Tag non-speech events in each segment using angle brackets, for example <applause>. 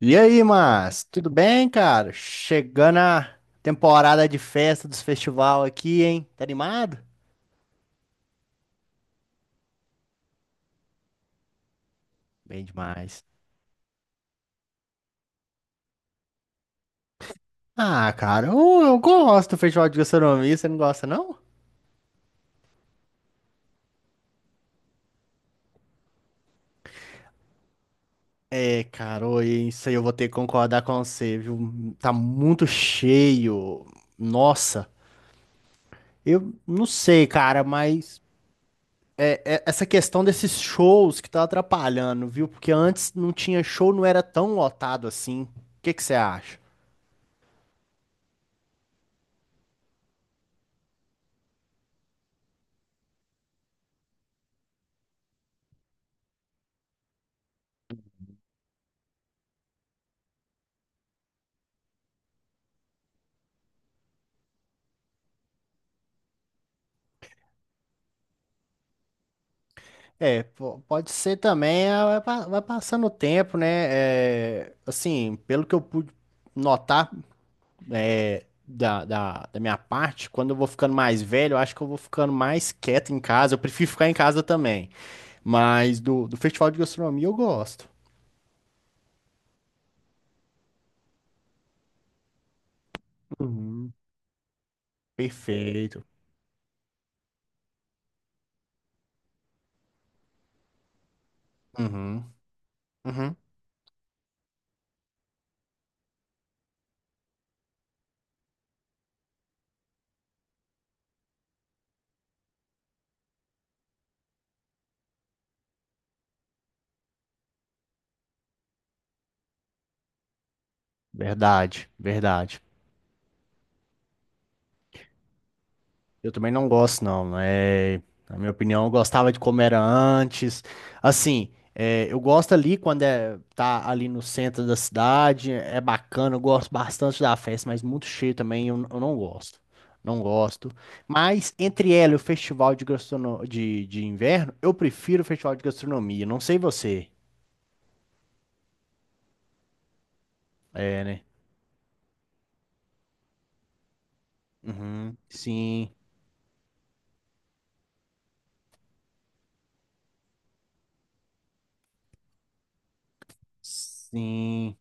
E aí, mas tudo bem, cara? Chegando a temporada de festa dos festival aqui, hein? Tá animado? Bem demais. Ah, cara, eu gosto do festival de gastronomia, você não gosta, não? É, cara, ô, isso aí eu vou ter que concordar com você, viu? Tá muito cheio. Nossa, eu não sei, cara, mas essa questão desses shows que tá atrapalhando, viu? Porque antes não tinha show, não era tão lotado assim. O que que você acha? É, pode ser também, ah, vai passando o tempo, né? É, assim, pelo que eu pude notar é, da minha parte, quando eu vou ficando mais velho, eu acho que eu vou ficando mais quieto em casa. Eu prefiro ficar em casa também. Mas do festival de gastronomia eu gosto. Uhum. Perfeito. Uhum, uhum. Verdade, verdade. Eu também não gosto, não. É, na minha opinião, eu gostava de como era antes. Assim, é, eu gosto ali quando é, tá ali no centro da cidade, é bacana, eu gosto bastante da festa, mas muito cheio também, eu não gosto. Não gosto. Mas entre ela e o festival de, gastrono... de inverno, eu prefiro o festival de gastronomia. Não sei você. É, né? Uhum, sim, sim.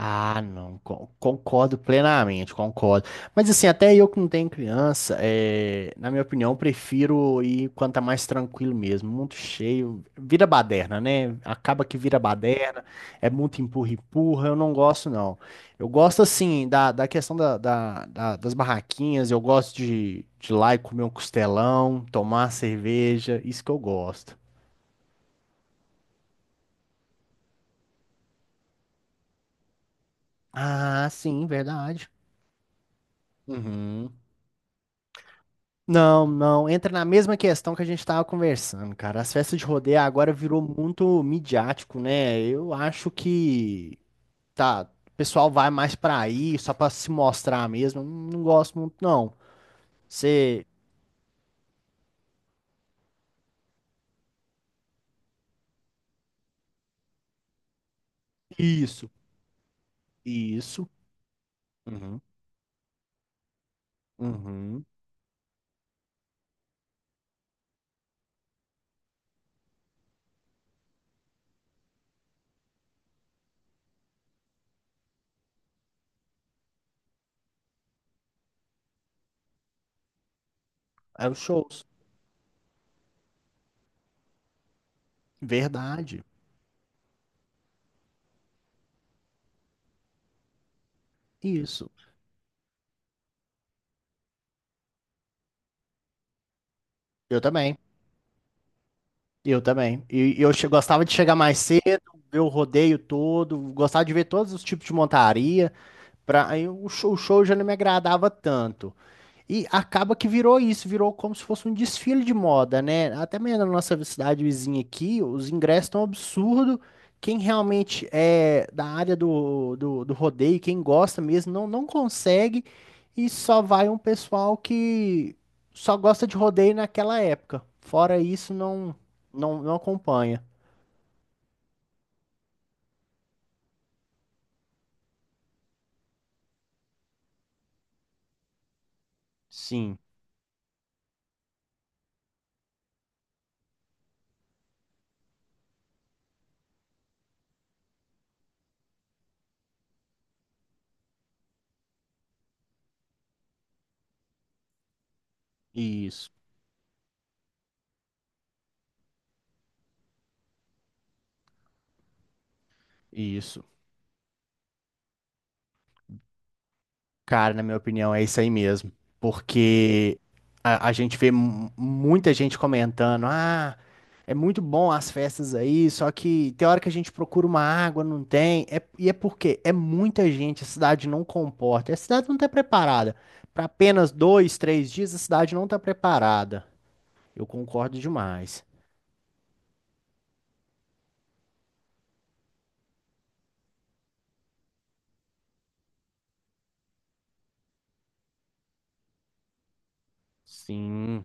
Ah, não, concordo plenamente, concordo. Mas assim, até eu que não tenho criança, é, na minha opinião, prefiro ir quando tá mais tranquilo mesmo, muito cheio, vira baderna, né? Acaba que vira baderna, é muito empurra-empurra, eu não gosto não. Eu gosto assim, da questão da das barraquinhas, eu gosto de ir lá e comer um costelão, tomar uma cerveja, isso que eu gosto. Ah, sim, verdade. Uhum. Não, não, entra na mesma questão que a gente estava conversando, cara. As festas de rodeio agora virou muito midiático, né? Eu acho que tá, o pessoal vai mais pra aí só pra se mostrar mesmo. Eu não gosto muito, não. Você isso, isso. Uhum. Uhum. É os shows. Verdade. Isso. Eu também. Eu também. E eu gostava de chegar mais cedo, ver o rodeio todo, gostava de ver todos os tipos de montaria. Pra, aí o show já não me agradava tanto. E acaba que virou isso, virou como se fosse um desfile de moda, né? Até mesmo na nossa cidade vizinha aqui, os ingressos estão absurdo. Quem realmente é da área do rodeio, quem gosta mesmo, não, não consegue. E só vai um pessoal que só gosta de rodeio naquela época. Fora isso, não, não, não acompanha. Sim, isso, isso. Cara, na minha opinião, é isso aí mesmo. Porque a gente vê muita gente comentando: ah, é muito bom as festas aí, só que tem hora que a gente procura uma água, não tem. É, e é porque é muita gente, a cidade não comporta, a cidade não está preparada. Para apenas dois, três dias, a cidade não está preparada. Eu concordo demais. Sim.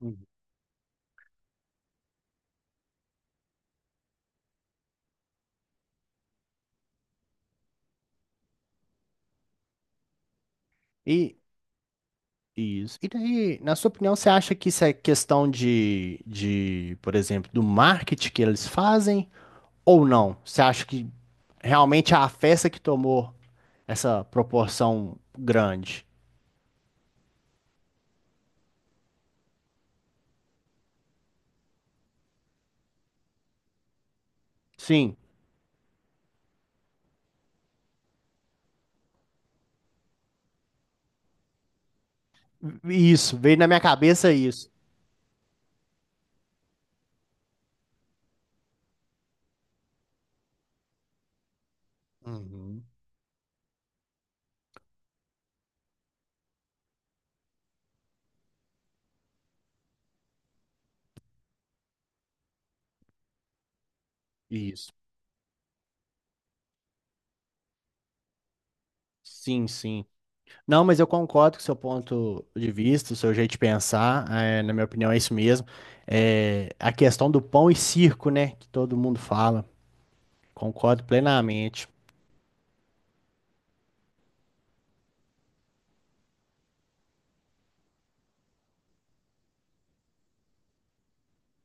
Uhum. E, isso. E daí, na sua opinião, você acha que isso é questão de, por exemplo, do marketing que eles fazem ou não? Você acha que realmente é a festa que tomou essa proporção grande? Sim, isso. Veio na minha cabeça isso. Uhum. Isso. Sim, sim. Não, mas eu concordo com o seu ponto de vista, o seu jeito de pensar. É, na minha opinião, é isso mesmo. É, a questão do pão e circo, né? Que todo mundo fala. Concordo plenamente.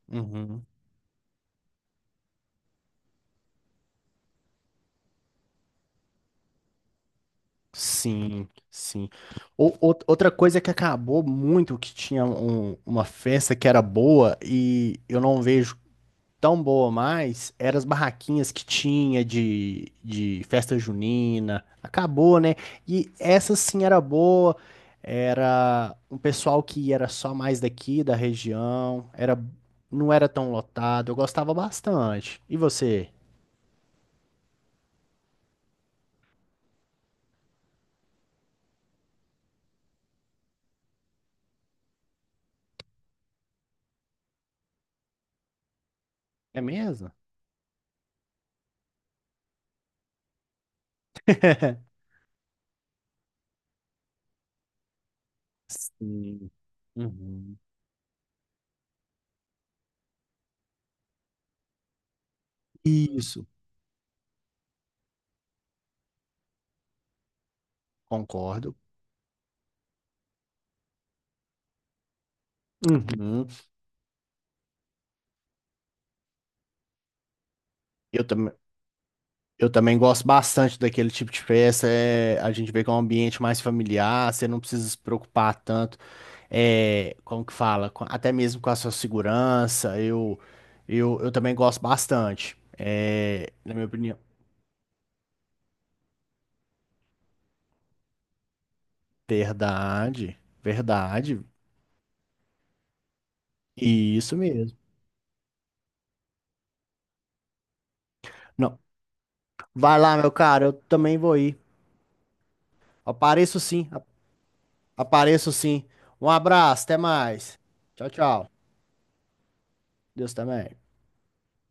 Uhum. Sim, sim. Outra coisa que acabou muito, que tinha uma festa que era boa e eu não vejo tão boa mais, eram as barraquinhas que tinha de festa junina. Acabou, né? E essa sim era boa, era um pessoal que era só mais daqui da região, era, não era tão lotado, eu gostava bastante. E você? É mesmo? <laughs> Sim. Uhum. Isso, concordo. Uhum. Eu, tam eu também gosto bastante daquele tipo de festa. É, a gente vê que é um ambiente mais familiar, você não precisa se preocupar tanto, é, como que fala, com- até mesmo com a sua segurança. Eu também gosto bastante. É, na minha opinião. Verdade, verdade. Isso mesmo. Não, vai lá, meu cara, eu também vou ir. Apareço sim, apareço sim. Um abraço, até mais. Tchau, tchau. Deus também.